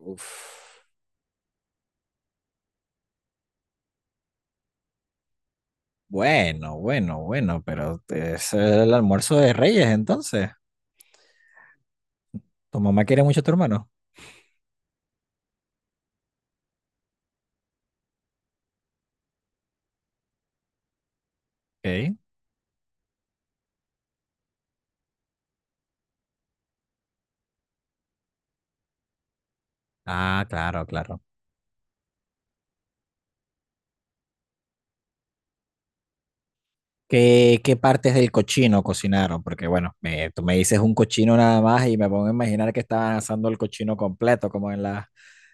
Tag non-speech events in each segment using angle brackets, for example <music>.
Uf, bueno, bueno, bueno, pero es el almuerzo de Reyes, entonces. ¿Tu mamá quiere mucho a tu hermano? Ok. Ah, claro, claro. ¿Qué partes del cochino cocinaron? Porque bueno, tú me dices un cochino nada más y me pongo a imaginar que estaban asando el cochino completo, como en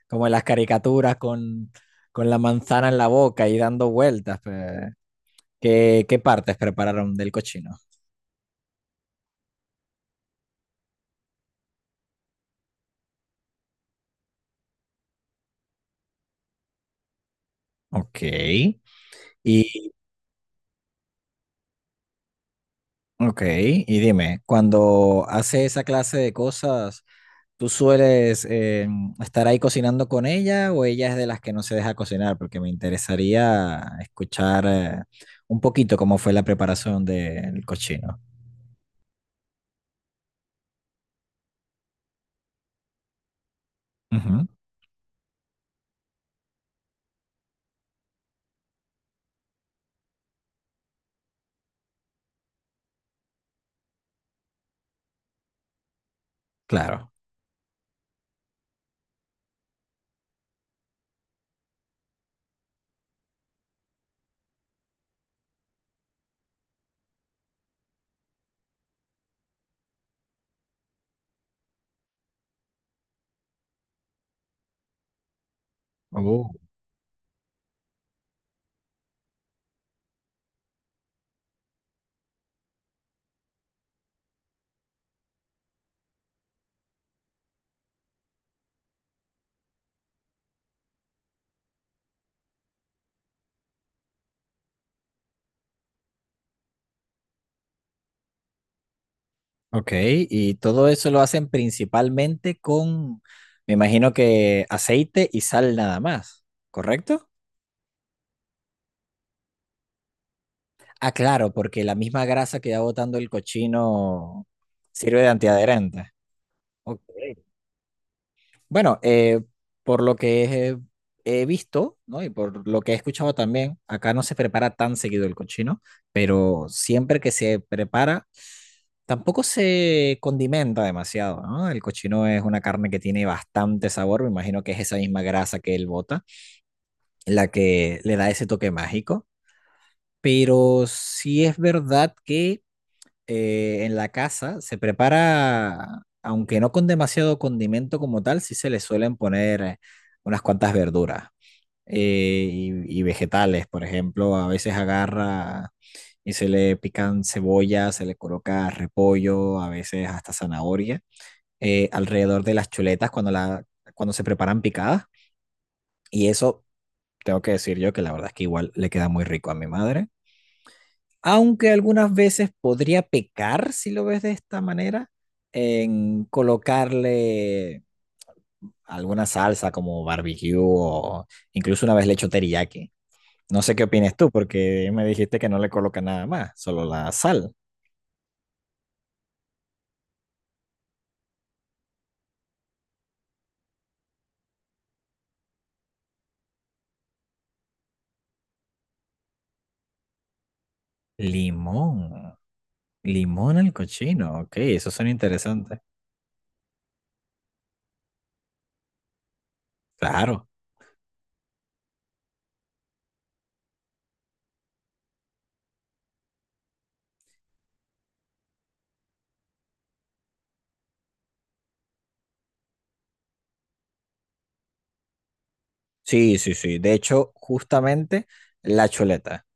como en las caricaturas con la manzana en la boca y dando vueltas. Pues. ¿Qué partes prepararon del cochino? Ok. ¿Y, Ok, y dime, cuando hace esa clase de cosas, ¿tú sueles estar ahí cocinando con ella o ella es de las que no se deja cocinar? Porque me interesaría escuchar un poquito cómo fue la preparación del cochino. Ujú, claro. Oh, ok, y todo eso lo hacen principalmente me imagino que aceite y sal nada más, ¿correcto? Ah, claro, porque la misma grasa que va botando el cochino sirve de antiadherente. Ok. Bueno, por lo que he visto, ¿no? Y por lo que he escuchado también, acá no se prepara tan seguido el cochino, pero siempre que se prepara, tampoco se condimenta demasiado, ¿no? El cochino es una carne que tiene bastante sabor, me imagino que es esa misma grasa que él bota, la que le da ese toque mágico, pero sí es verdad que en la casa se prepara, aunque no con demasiado condimento como tal, sí se le suelen poner unas cuantas verduras y vegetales, por ejemplo, a veces agarra y se le pican cebolla, se le coloca repollo, a veces hasta zanahoria, alrededor de las chuletas cuando se preparan picadas. Y eso, tengo que decir yo que la verdad es que igual le queda muy rico a mi madre. Aunque algunas veces podría pecar, si lo ves de esta manera, en colocarle alguna salsa como barbecue o incluso una vez le echo teriyaki. No sé qué opines tú, porque me dijiste que no le coloca nada más, solo la sal. Limón. Limón al cochino. Ok, eso suena interesante. Claro. Sí, sí, sí. De hecho, justamente la chuleta.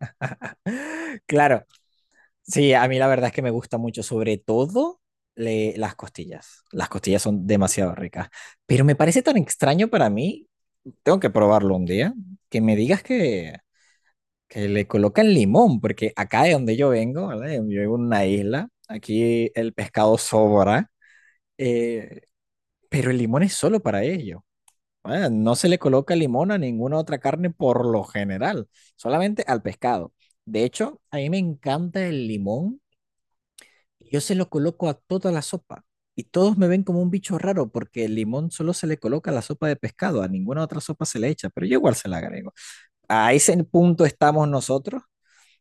<laughs> Claro, sí, a mí la verdad es que me gusta mucho, sobre todo las costillas. Las costillas son demasiado ricas. Pero me parece tan extraño para mí, tengo que probarlo un día, que me digas que le colocan limón, porque acá de donde yo vengo, ¿verdad? Yo vivo en una isla, aquí el pescado sobra, eh, pero el limón es solo para ello. ¿Verdad? No se le coloca limón a ninguna otra carne por lo general, solamente al pescado. De hecho, a mí me encanta el limón. Yo se lo coloco a toda la sopa y todos me ven como un bicho raro porque el limón solo se le coloca a la sopa de pescado, a ninguna otra sopa se le echa, pero yo igual se la agrego. A ese punto estamos nosotros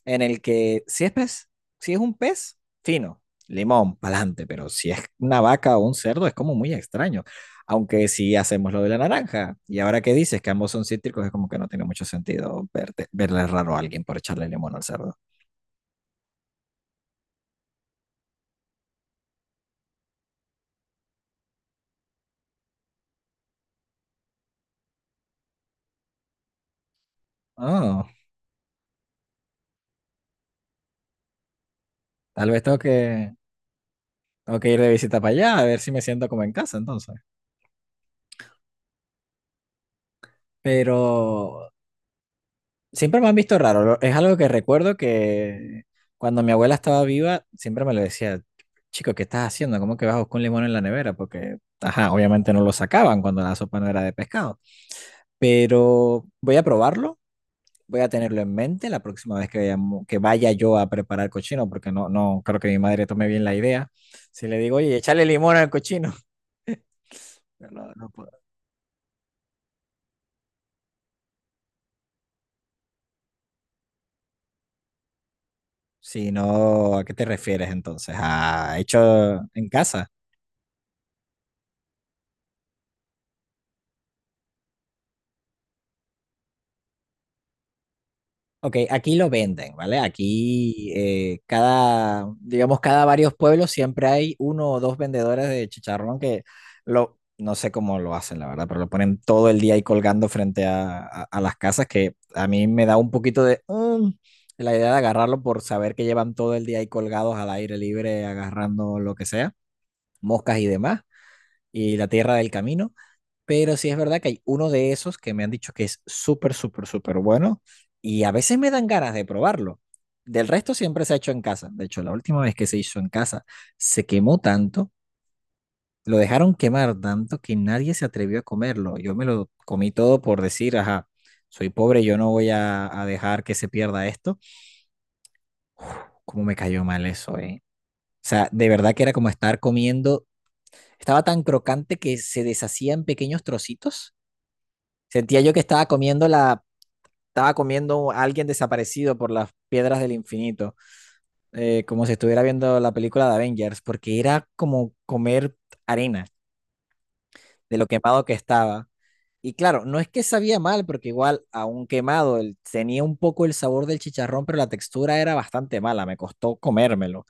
en el que si es pez, si es un pez, fino, limón, pa'lante, pero si es una vaca o un cerdo es como muy extraño. Aunque si hacemos lo de la naranja, y ahora que dices que ambos son cítricos, es como que no tiene mucho sentido verle raro a alguien por echarle limón al cerdo. Oh, tal vez tengo que tengo que ir de visita para allá, a ver si me siento como en casa entonces. Pero siempre me han visto raro. Es algo que recuerdo que cuando mi abuela estaba viva, siempre me lo decía, chico, ¿qué estás haciendo? ¿Cómo que vas a buscar un limón en la nevera? Porque, ajá, obviamente no lo sacaban cuando la sopa no era de pescado. Pero voy a probarlo, voy a tenerlo en mente la próxima vez que vaya yo a preparar cochino, porque no, no creo que mi madre tome bien la idea. Si le digo, oye, échale limón al cochino, <laughs> no, no puedo. Si no, ¿a qué te refieres entonces? ¿A hecho en casa? Ok, aquí lo venden, ¿vale? Aquí cada, digamos, cada varios pueblos siempre hay uno o dos vendedores de chicharrón que lo, no sé cómo lo hacen, la verdad, pero lo ponen todo el día ahí colgando frente a, a las casas que a mí me da un poquito de... la idea de agarrarlo por saber que llevan todo el día ahí colgados al aire libre, agarrando lo que sea, moscas y demás, y la tierra del camino. Pero sí es verdad que hay uno de esos que me han dicho que es súper, súper, súper bueno y a veces me dan ganas de probarlo. Del resto siempre se ha hecho en casa. De hecho, la última vez que se hizo en casa se quemó tanto, lo dejaron quemar tanto que nadie se atrevió a comerlo. Yo me lo comí todo por decir, ajá, soy pobre, yo no voy a dejar que se pierda esto. Uf, cómo me cayó mal eso, eh. O sea, de verdad que era como estar comiendo, estaba tan crocante que se deshacía en pequeños trocitos. Sentía yo que estaba comiendo la estaba comiendo a alguien desaparecido por las piedras del infinito, como si estuviera viendo la película de Avengers, porque era como comer arena de lo quemado que estaba. Y claro, no es que sabía mal, porque igual, aún quemado, tenía un poco el sabor del chicharrón, pero la textura era bastante mala, me costó comérmelo.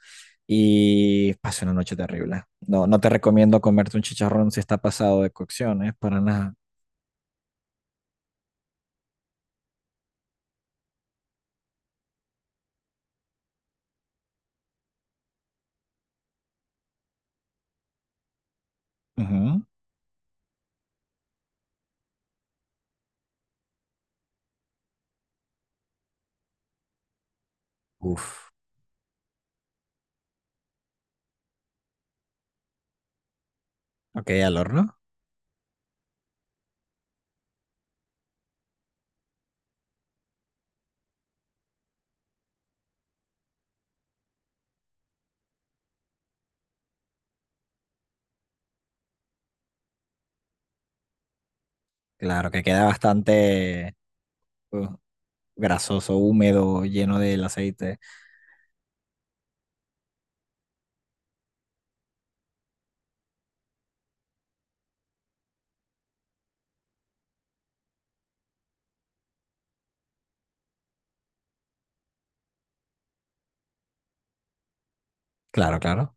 Y pasé una noche terrible. No, no te recomiendo comerte un chicharrón si está pasado de cocción, ¿eh? Para nada. Ujú. Uf. Ok, al horno. Claro que queda bastante... uh, grasoso, húmedo, lleno del aceite. Claro, claro.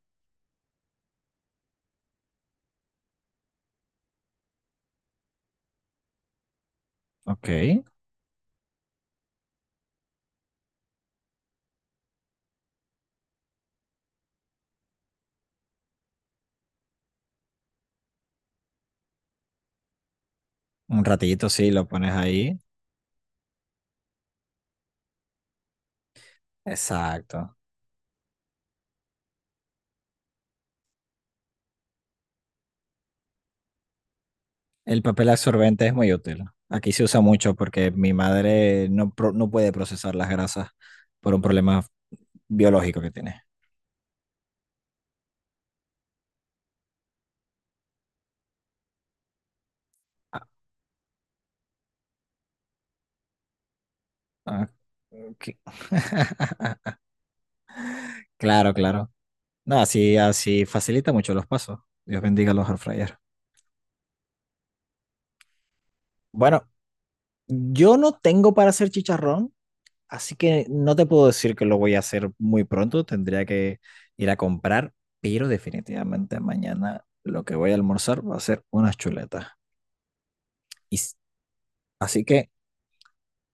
Ok. Un ratito, sí, lo pones ahí. Exacto. El papel absorbente es muy útil. Aquí se usa mucho porque mi madre no, no puede procesar las grasas por un problema biológico que tiene. Ah, ah, ok. Claro, claro. No, así, así facilita mucho los pasos. Dios bendiga los air fryer. Bueno, yo no tengo para hacer chicharrón, así que no te puedo decir que lo voy a hacer muy pronto, tendría que ir a comprar, pero definitivamente mañana lo que voy a almorzar va a ser unas chuletas. Y, s- Así que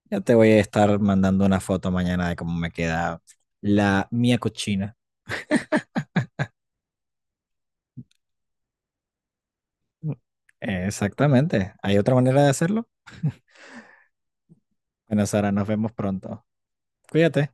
ya te voy a estar mandando una foto mañana de cómo me queda la mía cochina. Mm, exactamente. ¿Hay otra manera de hacerlo? Bueno, Sara, nos vemos pronto. Cuídate.